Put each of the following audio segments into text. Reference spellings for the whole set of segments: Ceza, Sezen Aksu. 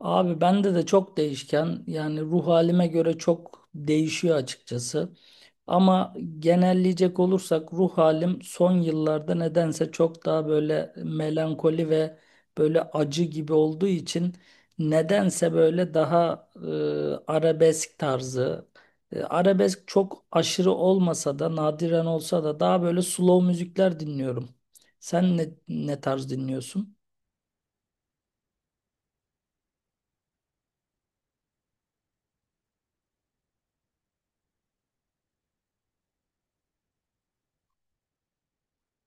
Abi bende de çok değişken, yani ruh halime göre çok değişiyor açıkçası. Ama genelleyecek olursak ruh halim son yıllarda nedense çok daha böyle melankoli ve böyle acı gibi olduğu için nedense böyle daha arabesk tarzı. Arabesk çok aşırı olmasa da nadiren olsa da daha böyle slow müzikler dinliyorum. Sen ne tarz dinliyorsun?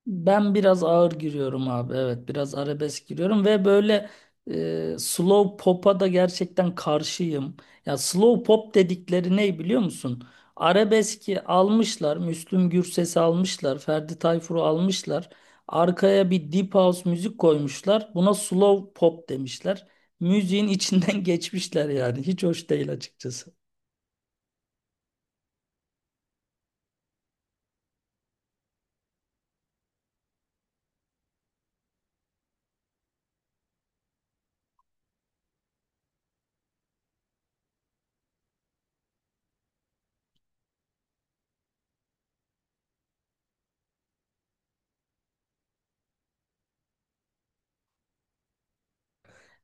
Ben biraz ağır giriyorum abi. Evet, biraz arabesk giriyorum ve böyle slow pop'a da gerçekten karşıyım. Ya slow pop dedikleri ne biliyor musun? Arabeski almışlar, Müslüm Gürses'i almışlar, Ferdi Tayfur'u almışlar. Arkaya bir deep house müzik koymuşlar. Buna slow pop demişler. Müziğin içinden geçmişler yani. Hiç hoş değil açıkçası.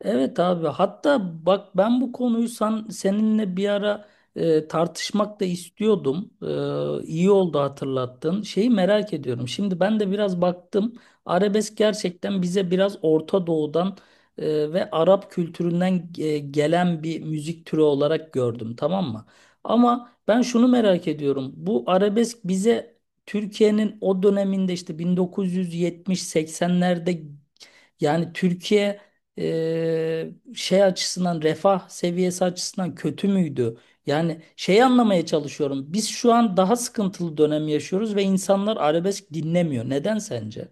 Evet abi, hatta bak ben bu konuyu seninle bir ara tartışmak da istiyordum. İyi oldu hatırlattın. Şeyi merak ediyorum. Şimdi ben de biraz baktım. Arabesk gerçekten bize biraz Orta Doğu'dan ve Arap kültüründen gelen bir müzik türü olarak gördüm, tamam mı? Ama ben şunu merak ediyorum. Bu arabesk bize Türkiye'nin o döneminde, işte 1970-80'lerde, yani Türkiye şey açısından, refah seviyesi açısından kötü müydü? Yani şeyi anlamaya çalışıyorum. Biz şu an daha sıkıntılı dönem yaşıyoruz ve insanlar arabesk dinlemiyor. Neden sence?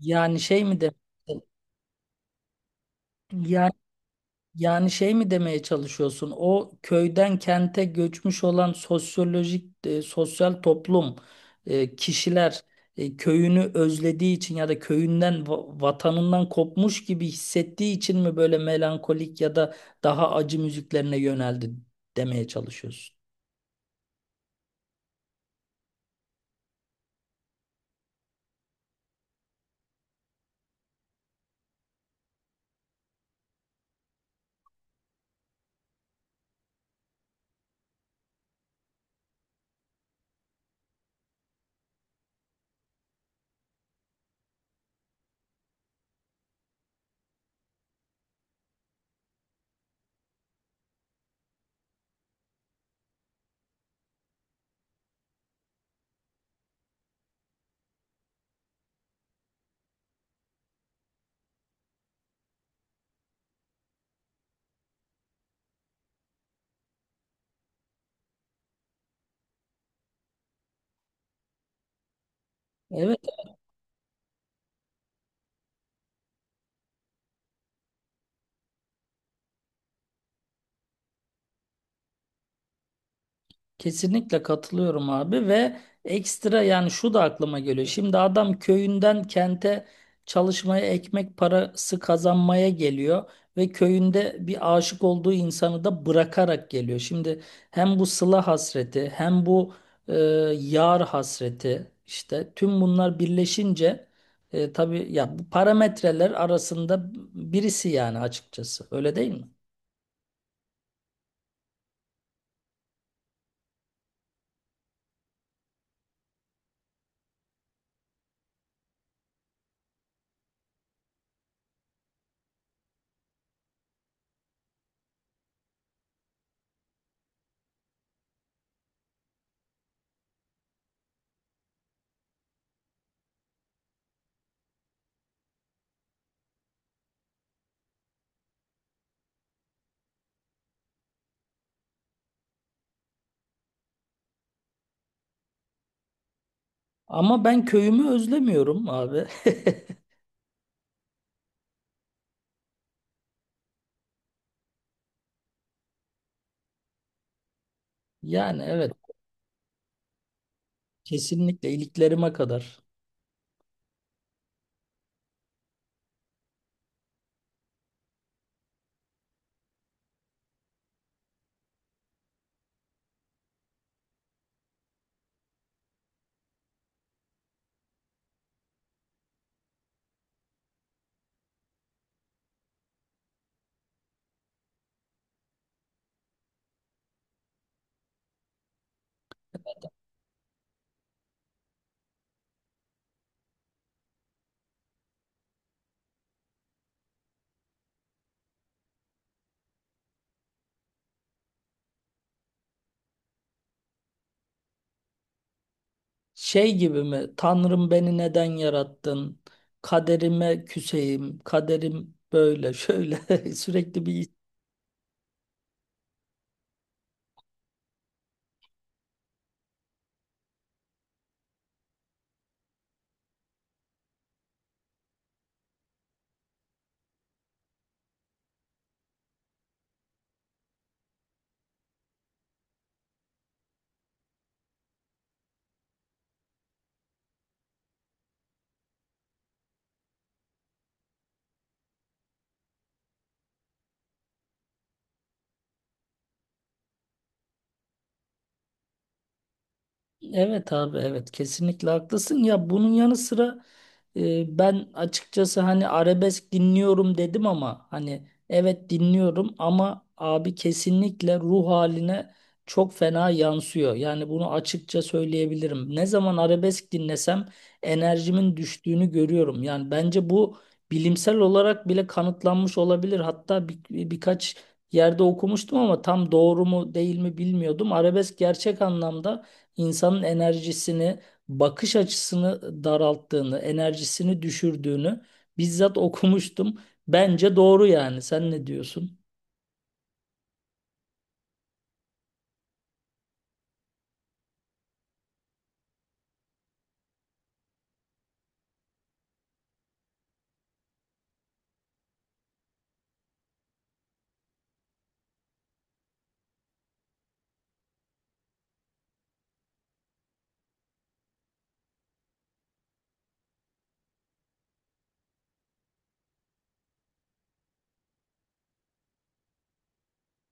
Yani şey mi demek? Yani şey mi demeye çalışıyorsun? O köyden kente göçmüş olan sosyolojik, sosyal toplum, kişiler köyünü özlediği için ya da köyünden, vatanından kopmuş gibi hissettiği için mi böyle melankolik ya da daha acı müziklerine yöneldi demeye çalışıyorsun? Evet. Kesinlikle katılıyorum abi, ve ekstra, yani şu da aklıma geliyor. Şimdi adam köyünden kente çalışmaya, ekmek parası kazanmaya geliyor ve köyünde bir aşık olduğu insanı da bırakarak geliyor. Şimdi hem bu sıla hasreti, hem bu e, yar hasreti, işte tüm bunlar birleşince tabii ya, bu parametreler arasında birisi yani, açıkçası, öyle değil mi? Ama ben köyümü özlemiyorum abi. Yani evet. Kesinlikle, iliklerime kadar. Şey gibi mi? Tanrım beni neden yarattın? Kaderime küseyim. Kaderim böyle şöyle sürekli bir. Evet abi, evet, kesinlikle haklısın ya. Bunun yanı sıra ben açıkçası hani arabesk dinliyorum dedim ama hani evet dinliyorum, ama abi kesinlikle ruh haline çok fena yansıyor. Yani bunu açıkça söyleyebilirim. Ne zaman arabesk dinlesem enerjimin düştüğünü görüyorum. Yani bence bu bilimsel olarak bile kanıtlanmış olabilir. Hatta birkaç yerde okumuştum ama tam doğru mu değil mi bilmiyordum. Arabesk gerçek anlamda insanın enerjisini, bakış açısını daralttığını, enerjisini düşürdüğünü bizzat okumuştum. Bence doğru yani. Sen ne diyorsun?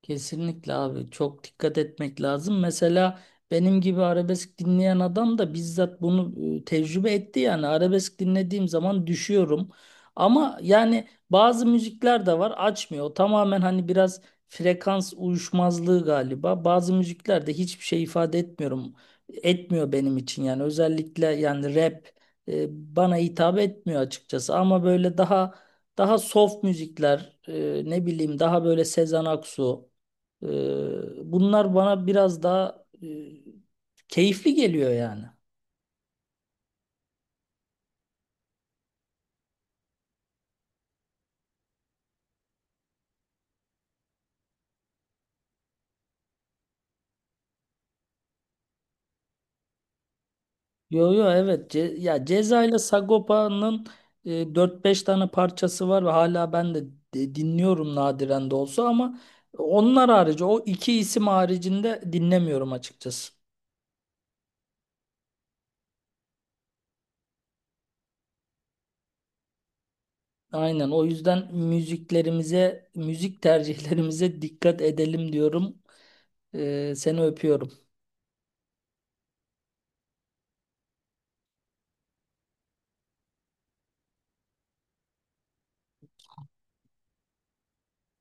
Kesinlikle abi, çok dikkat etmek lazım. Mesela benim gibi arabesk dinleyen adam da bizzat bunu tecrübe etti, yani arabesk dinlediğim zaman düşüyorum. Ama yani bazı müzikler de var, açmıyor. O tamamen hani biraz frekans uyuşmazlığı galiba. Bazı müzikler de hiçbir şey ifade etmiyorum. Etmiyor benim için, yani özellikle yani rap e, bana hitap etmiyor açıkçası, ama böyle daha soft müzikler, ne bileyim, daha böyle Sezen Aksu, bunlar bana biraz daha keyifli geliyor yani. Yo, yo, evet, Ce ya Ceza ile Sagopa'nın 4-5 tane parçası var ve hala ben de dinliyorum, nadiren de olsa, ama onlar harici, o iki isim haricinde dinlemiyorum açıkçası. Aynen, o yüzden müziklerimize, müzik tercihlerimize dikkat edelim diyorum. Seni öpüyorum.